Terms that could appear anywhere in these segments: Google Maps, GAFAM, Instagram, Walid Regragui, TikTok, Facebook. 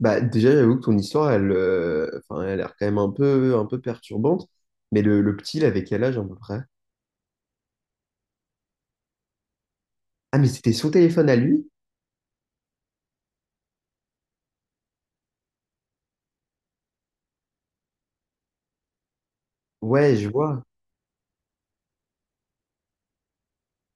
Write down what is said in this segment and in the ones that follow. Bah, déjà, j'avoue que ton histoire, elle, elle a l'air quand même un peu perturbante. Mais le petit, il avait quel âge à peu près? Ah, mais c'était son téléphone à lui? Ouais, je vois.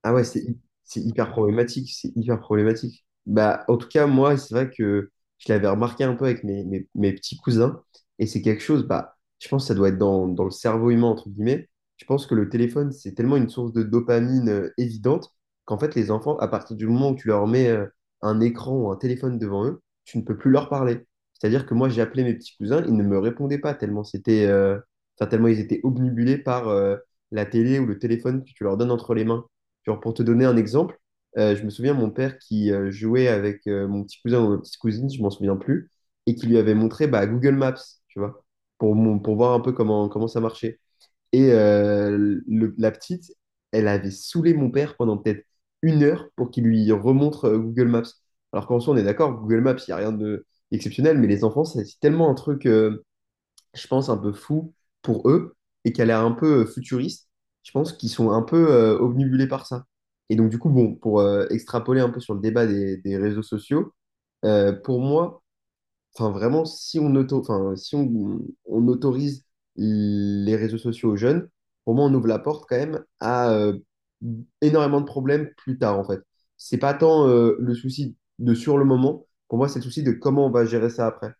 Ah ouais, c'est hy- c'est hyper problématique, c'est hyper problématique. Bah, en tout cas, moi, c'est vrai que je l'avais remarqué un peu avec mes petits cousins, et c'est quelque chose, bah, je pense que ça doit être dans le cerveau humain, entre guillemets. Je pense que le téléphone, c'est tellement une source de dopamine évidente qu'en fait, les enfants, à partir du moment où tu leur mets un écran ou un téléphone devant eux, tu ne peux plus leur parler. C'est-à-dire que moi, j'ai appelé mes petits cousins, ils ne me répondaient pas tellement tellement ils étaient obnubilés par la télé ou le téléphone que tu leur donnes entre les mains. Genre, pour te donner un exemple, je me souviens mon père qui jouait avec mon petit cousin ou ma petite cousine, je m'en souviens plus, et qui lui avait montré bah, Google Maps, tu vois, pour, pour voir un peu comment ça marchait. Et la petite, elle avait saoulé mon père pendant peut-être une heure pour qu'il lui remontre Google Maps. Alors qu'en soi, on est d'accord, Google Maps, il n'y a rien de exceptionnel, mais les enfants, c'est tellement un truc, je pense, un peu fou pour eux et qui a l'air un peu futuriste. Je pense qu'ils sont un peu obnubilés par ça. Et donc, du coup, bon, pour extrapoler un peu sur le débat des réseaux sociaux, pour moi, vraiment, si on autorise les réseaux sociaux aux jeunes, pour moi, on ouvre la porte quand même à énormément de problèmes plus tard, en fait. C'est pas tant le souci de sur le moment, pour moi, c'est le souci de comment on va gérer ça après.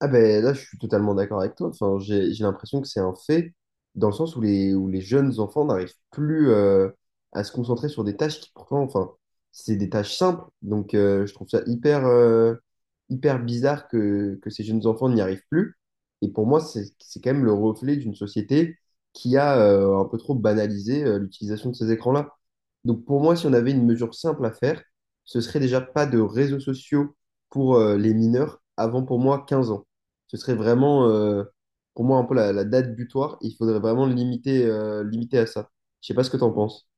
Ah ben là, je suis totalement d'accord avec toi. Enfin, j'ai l'impression que c'est un fait, dans le sens où où les jeunes enfants n'arrivent plus à se concentrer sur des tâches qui pourtant, enfin, c'est des tâches simples. Donc, je trouve ça hyper bizarre que ces jeunes enfants n'y arrivent plus. Et pour moi, c'est quand même le reflet d'une société qui a un peu trop banalisé l'utilisation de ces écrans-là. Donc, pour moi, si on avait une mesure simple à faire, ce serait déjà pas de réseaux sociaux pour les mineurs avant, pour moi, 15 ans, ce serait vraiment, pour moi, un peu la date butoir. Il faudrait vraiment le limiter, limiter à ça. Je sais pas ce que tu en penses.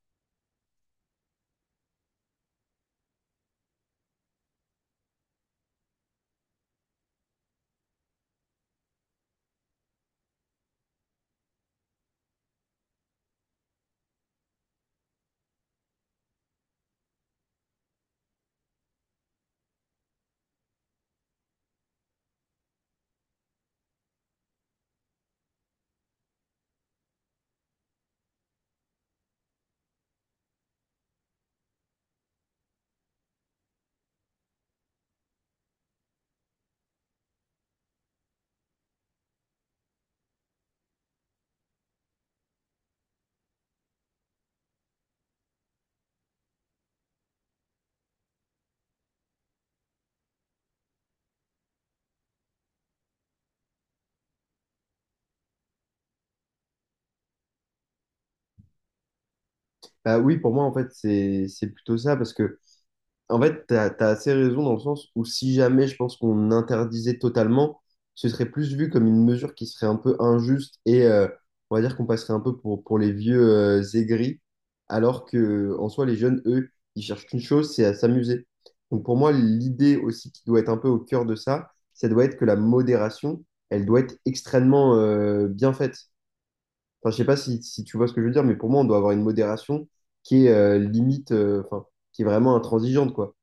Bah oui, pour moi, en fait, c'est plutôt ça, parce que en fait, assez raison dans le sens où si jamais je pense qu'on interdisait totalement, ce serait plus vu comme une mesure qui serait un peu injuste et on va dire qu'on passerait un peu pour les vieux aigris, alors que en soi, les jeunes, eux, ils cherchent qu'une chose, c'est à s'amuser. Donc pour moi, l'idée aussi qui doit être un peu au cœur de ça, ça doit être que la modération, elle doit être extrêmement bien faite. Enfin, je sais pas si tu vois ce que je veux dire, mais pour moi, on doit avoir une modération qui est qui est vraiment intransigeante, quoi.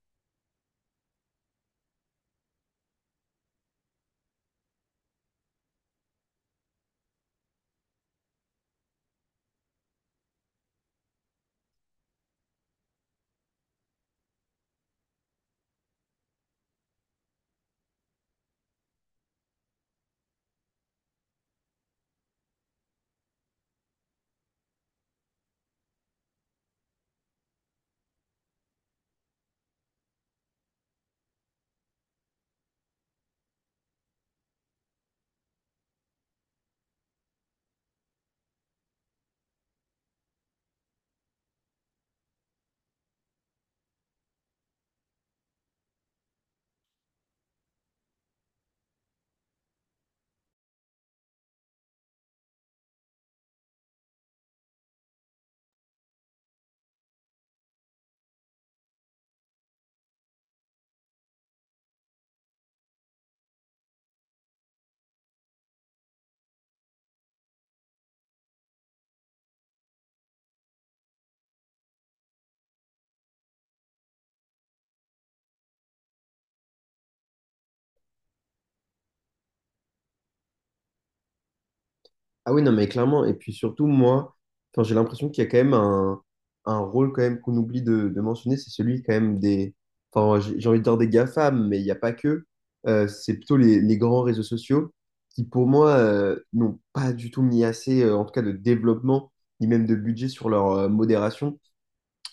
Ah oui, non, mais clairement. Et puis surtout, moi, enfin, j'ai l'impression qu'il y a quand même un rôle quand même qu'on oublie de mentionner, c'est celui quand même des... Enfin, j'ai envie de dire des GAFAM, mais il n'y a pas que. C'est plutôt les grands réseaux sociaux qui, pour moi, n'ont pas du tout mis assez, en tout cas, de développement, ni même de budget sur leur modération.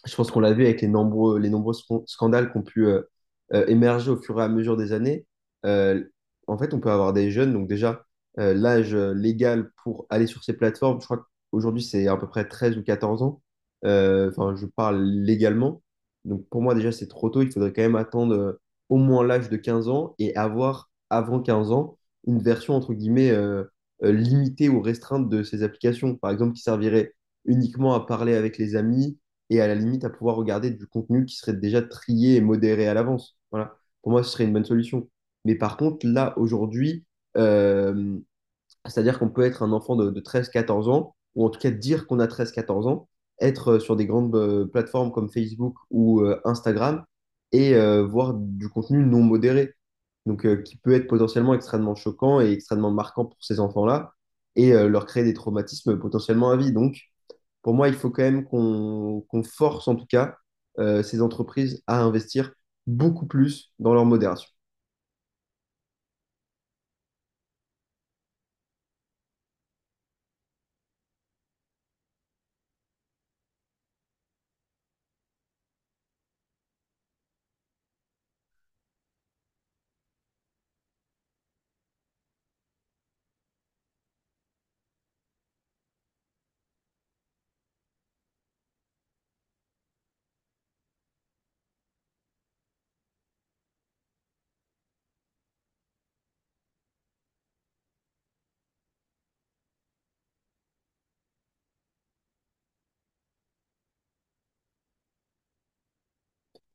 Je pense qu'on l'a vu avec les nombreux, scandales qui ont pu émerger au fur et à mesure des années. Euh, En fait, on peut avoir des jeunes, donc déjà, l'âge légal pour aller sur ces plateformes, je crois qu'aujourd'hui, c'est à peu près 13 ou 14 ans. Enfin, je parle légalement. Donc pour moi, déjà, c'est trop tôt. Il faudrait quand même attendre au moins l'âge de 15 ans et avoir, avant 15 ans, une version, entre guillemets, limitée ou restreinte de ces applications. Par exemple, qui servirait uniquement à parler avec les amis et à la limite à pouvoir regarder du contenu qui serait déjà trié et modéré à l'avance. Voilà. Pour moi, ce serait une bonne solution. Mais par contre, là, aujourd'hui, euh, c'est-à-dire qu'on peut être un enfant de 13-14 ans, ou en tout cas dire qu'on a 13-14 ans, être sur des grandes plateformes comme Facebook ou Instagram et voir du contenu non modéré, donc qui peut être potentiellement extrêmement choquant et extrêmement marquant pour ces enfants-là et leur créer des traumatismes potentiellement à vie. Donc, pour moi, il faut quand même qu'on force en tout cas ces entreprises à investir beaucoup plus dans leur modération.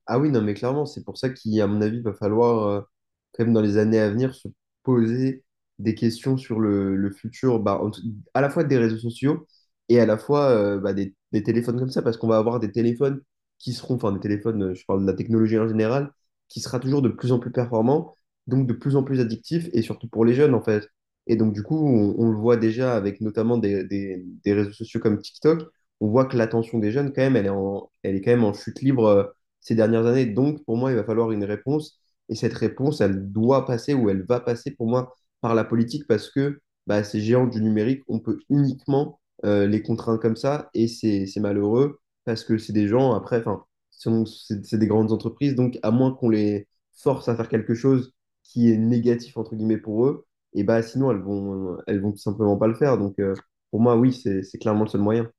Ah oui, non, mais clairement, c'est pour ça qu'il, à mon avis, va falloir, quand même, dans les années à venir, se poser des questions sur le futur, bah, à la fois des réseaux sociaux et à la fois bah, des téléphones comme ça, parce qu'on va avoir des téléphones qui seront, enfin, des téléphones, je parle de la technologie en général, qui sera toujours de plus en plus performant, donc de plus en plus addictif, et surtout pour les jeunes, en fait. Et donc, du coup, on le voit déjà avec notamment des réseaux sociaux comme TikTok, on voit que l'attention des jeunes, quand même, elle est quand même en chute libre ces dernières années. Donc, pour moi, il va falloir une réponse. Et cette réponse, elle va passer pour moi par la politique parce que bah, ces géants du numérique, on peut uniquement les contraindre comme ça. Et c'est malheureux parce que c'est des gens, après, c'est des grandes entreprises. Donc, à moins qu'on les force à faire quelque chose qui est négatif, entre guillemets, pour eux, sinon, elles vont tout simplement pas le faire. Donc, pour moi, oui, c'est clairement le seul moyen.